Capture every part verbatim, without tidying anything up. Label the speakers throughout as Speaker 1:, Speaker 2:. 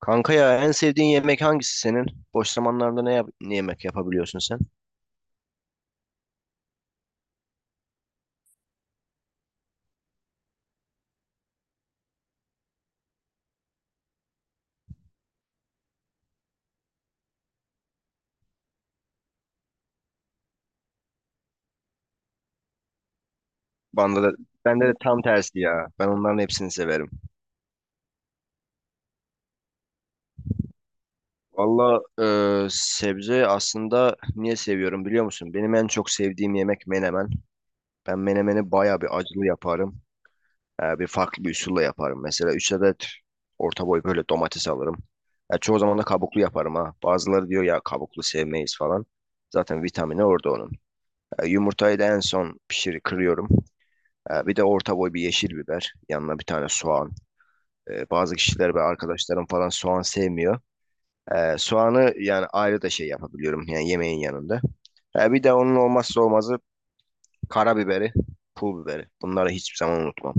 Speaker 1: Kanka ya en sevdiğin yemek hangisi senin? Boş zamanlarda ne, yap- ne yemek yapabiliyorsun sen? Bende de, bende de tam tersi ya. Ben onların hepsini severim. Valla e, sebze aslında niye seviyorum biliyor musun? Benim en çok sevdiğim yemek menemen. Ben menemeni baya bir acılı yaparım. E, bir farklı bir usulla yaparım. Mesela üç adet orta boy böyle domates alırım. Ya çoğu zaman da kabuklu yaparım ha. Bazıları diyor ya kabuklu sevmeyiz falan. Zaten vitamini orada onun. E, yumurtayı da en son pişir kırıyorum. Ee, bir de orta boy bir yeşil biber. Yanına bir tane soğan. Ee, bazı kişiler ve arkadaşlarım falan soğan sevmiyor. Ee, soğanı yani ayrı da şey yapabiliyorum. Yani yemeğin yanında. Ee, bir de onun olmazsa olmazı karabiberi, pul biberi. Bunları hiçbir zaman unutmam.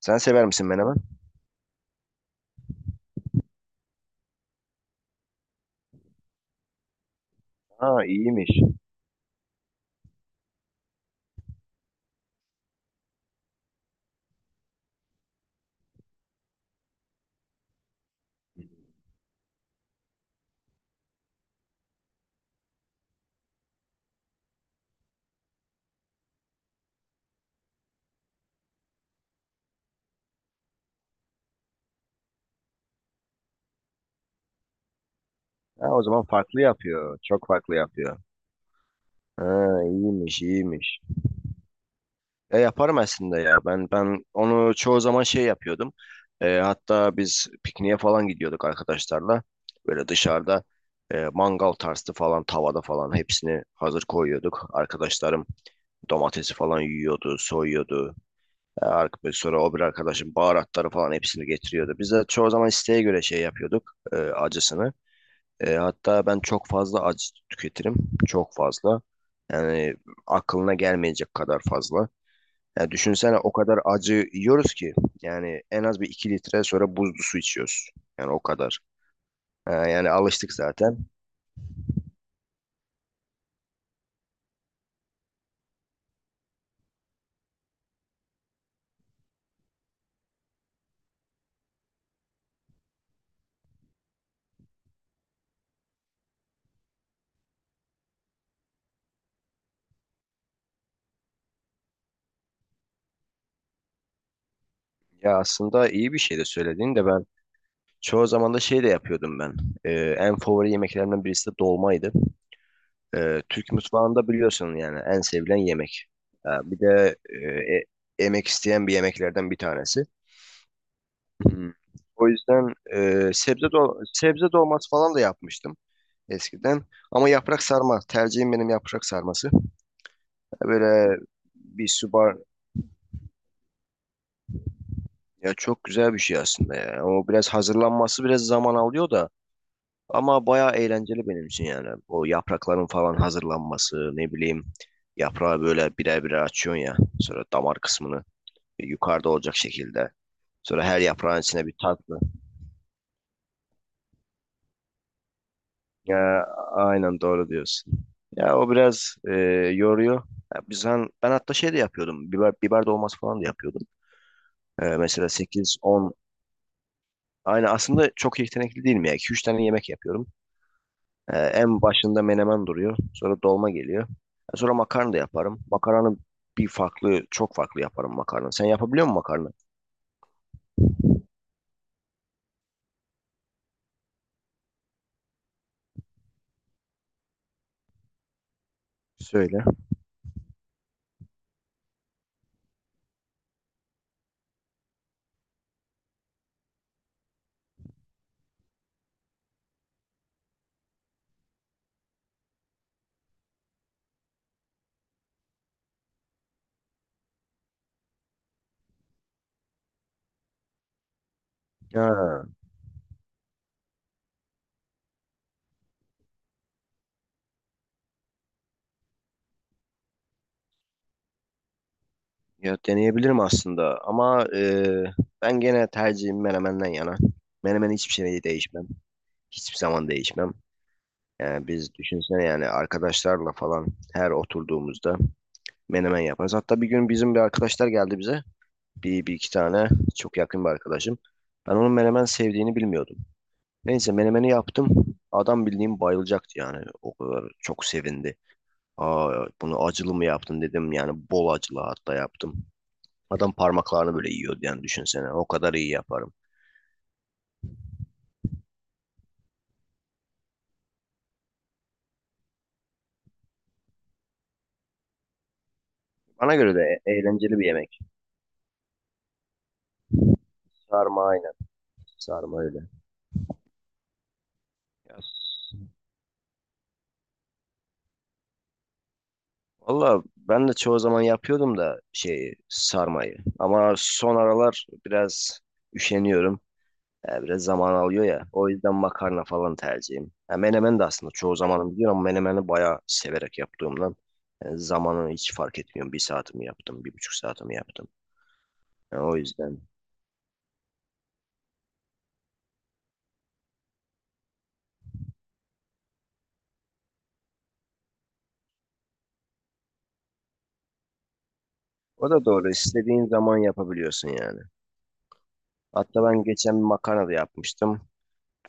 Speaker 1: Sen sever misin menemen? Ha, iyiymiş. Ha, o zaman farklı yapıyor. Çok farklı yapıyor. Ha, iyiymiş, iyiymiş. E, yaparım aslında ya. Ben ben onu çoğu zaman şey yapıyordum. E, hatta biz pikniğe falan gidiyorduk arkadaşlarla. Böyle dışarıda e, mangal tarzı falan tavada falan hepsini hazır koyuyorduk. Arkadaşlarım domatesi falan yiyordu, soyuyordu. E, ar- sonra o bir arkadaşım baharatları falan hepsini getiriyordu. Biz de çoğu zaman isteğe göre şey yapıyorduk e, acısını. E, hatta ben çok fazla acı tüketirim. Çok fazla. Yani aklına gelmeyecek kadar fazla. Ya düşünsene o kadar acı yiyoruz ki yani en az bir iki litre sonra buzlu su içiyoruz. Yani o kadar. Ee, yani alıştık zaten. Ya aslında iyi bir şey de söylediğin de ben çoğu zaman da şey de yapıyordum ben. Ee, en favori yemeklerimden birisi de dolmaydı. Ee, Türk mutfağında biliyorsun yani en sevilen yemek. Ha, bir de e, e- emek isteyen bir yemeklerden bir tanesi. Hmm. O yüzden e, sebze dol sebze dolması falan da yapmıştım eskiden. Ama yaprak sarma. Tercihim benim yaprak sarması. Böyle bir subar ya çok güzel bir şey aslında ya. O biraz hazırlanması biraz zaman alıyor da ama bayağı eğlenceli benim için yani. O yaprakların falan hazırlanması, ne bileyim, yaprağı böyle birer birer açıyorsun ya. Sonra damar kısmını yukarıda olacak şekilde. Sonra her yaprağın içine bir tatlı. Ya aynen doğru diyorsun. Ya o biraz e, yoruyor. Ya biz han- ben hatta şey de yapıyordum. Biber biber dolması falan da yapıyordum. Ee, mesela sekiz on. Aynı aslında çok yetenekli değilim ya. iki üç tane yemek yapıyorum. Ee, en başında menemen duruyor. Sonra dolma geliyor. Ee, Sonra makarna da yaparım. Makarnanı bir farklı, çok farklı yaparım makarna. Sen yapabiliyor musun makarna? Söyle. Ha, ya deneyebilirim aslında ama e, ben gene tercihim menemenden yana. Menemen hiçbir şey değişmem. Hiçbir zaman değişmem. Yani biz düşünsene yani arkadaşlarla falan her oturduğumuzda menemen yaparız. Hatta bir gün bizim bir arkadaşlar geldi bize. Bir, bir iki tane çok yakın bir arkadaşım. Ben onun menemen sevdiğini bilmiyordum. Neyse menemeni yaptım. Adam bildiğim bayılacaktı yani. O kadar çok sevindi. Aa, bunu acılı mı yaptın dedim. Yani bol acılı hatta yaptım. Adam parmaklarını böyle yiyordu yani düşünsene. O kadar iyi yaparım. Bana göre de e- eğlenceli bir yemek. Sarma aynen. Sarma öyle. Ya, valla ben de çoğu zaman yapıyordum da şeyi sarmayı. Ama son aralar biraz üşeniyorum. E, biraz zaman alıyor ya. O yüzden makarna falan tercihim. Ha, menemen de aslında çoğu zamanım gidiyor ama menemeni bayağı severek yaptığımdan e, zamanı hiç fark etmiyorum. Bir saatimi yaptım, bir buçuk saatimi yaptım. Yani o yüzden. O da doğru. İstediğin zaman yapabiliyorsun yani. Hatta ben geçen bir makarna da yapmıştım.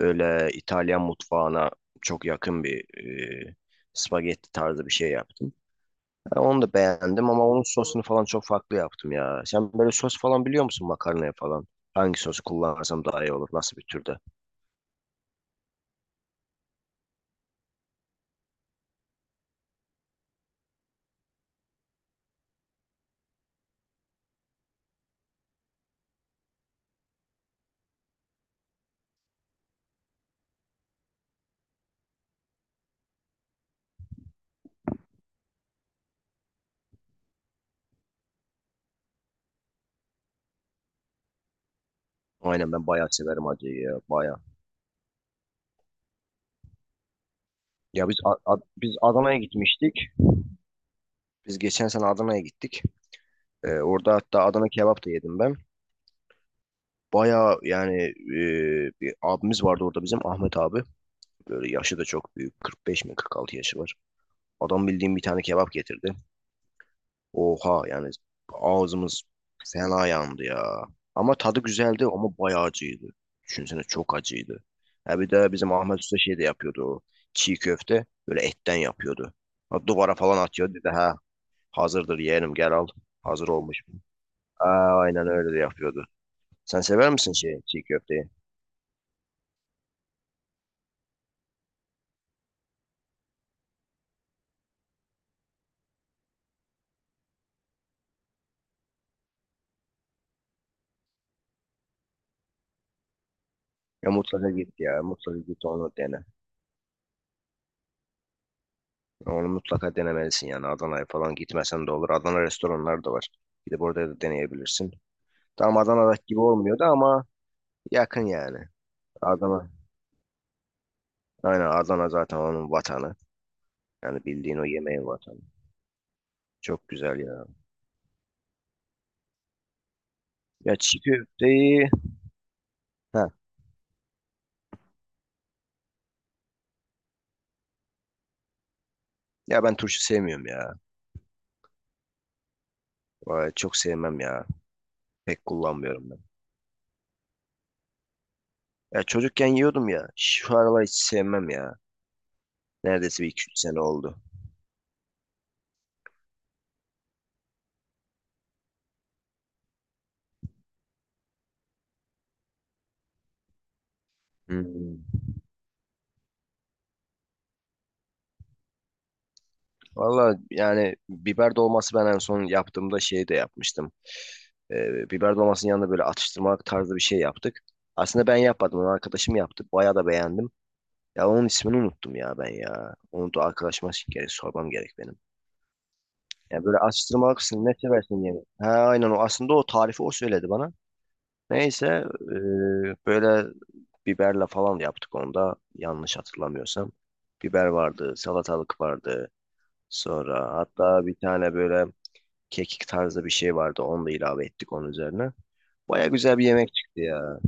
Speaker 1: Böyle İtalyan mutfağına çok yakın bir e, spagetti tarzı bir şey yaptım. Ben onu da beğendim ama onun sosunu falan çok farklı yaptım ya. Sen böyle sos falan biliyor musun makarnaya falan? Hangi sosu kullansam daha iyi olur? Nasıl bir türde? Aynen, ben bayağı severim acıyı ya, bayağı. Ya biz A- A- biz Adana'ya gitmiştik. Biz geçen sene Adana'ya gittik. Ee, orada hatta Adana kebap da yedim ben. Bayağı yani, e, bir abimiz vardı orada, bizim Ahmet abi. Böyle yaşı da çok büyük. kırk beş mi kırk altı yaşı var. Adam bildiğim bir tane kebap getirdi. Oha yani, ağzımız fena yandı ya. Ama tadı güzeldi, ama bayağı acıydı. Düşünsene, çok acıydı. Ha, bir de bizim Ahmet Usta şey de yapıyordu o. Çiğ köfte böyle etten yapıyordu. Ha, duvara falan atıyordu dedi ha, hazırdır yeğenim gel al. Hazır olmuş. Aa, aynen öyle de yapıyordu. Sen sever misin şey, çiğ köfteyi? Ya mutlaka git, ya mutlaka git onu dene. Onu mutlaka denemelisin, yani Adana'ya falan gitmesen de olur. Adana restoranları da var. Gidip orada da deneyebilirsin. Tam Adana'daki gibi olmuyordu ama yakın yani. Adana. Aynen, Adana zaten onun vatanı. Yani bildiğin o yemeğin vatanı. Çok güzel ya. Ya çiğ köfteyi... Ha. Ya ben turşu sevmiyorum ya. Vay, çok sevmem ya. Pek kullanmıyorum ben. Ya çocukken yiyordum ya. Şu aralar hiç sevmem ya. Neredeyse bir iki üç sene oldu. Hmm. Valla yani, biber dolması ben en son yaptığımda şey de yapmıştım. Ee, biber dolmasının yanında böyle atıştırmalık tarzı bir şey yaptık. Aslında ben yapmadım, onu arkadaşım yaptı. Bayağı da beğendim. Ya onun ismini unuttum ya ben ya. Onu da arkadaşıma gerek, sormam gerek benim. Ya böyle atıştırmalık, atıştırmalıksın ne seversin diye. Ha aynen, o aslında o tarifi o söyledi bana. Neyse e, böyle biberle falan yaptık onda, yanlış hatırlamıyorsam. Biber vardı, salatalık vardı. Sonra hatta bir tane böyle kekik tarzı bir şey vardı. Onu da ilave ettik onun üzerine. Baya güzel bir yemek çıktı ya.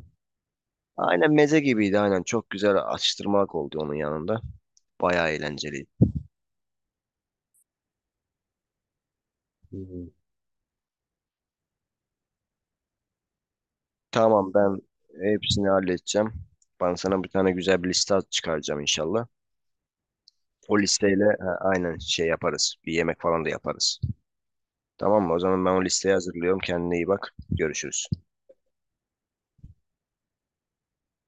Speaker 1: Aynen meze gibiydi, aynen. Çok güzel atıştırmalık oldu onun yanında. Baya eğlenceliydi. Hı hı. Tamam, ben hepsini halledeceğim. Ben sana bir tane güzel bir liste çıkaracağım inşallah. O listeyle ha, aynen şey yaparız. Bir yemek falan da yaparız. Tamam mı? O zaman ben o listeyi hazırlıyorum. Kendine iyi bak. Görüşürüz.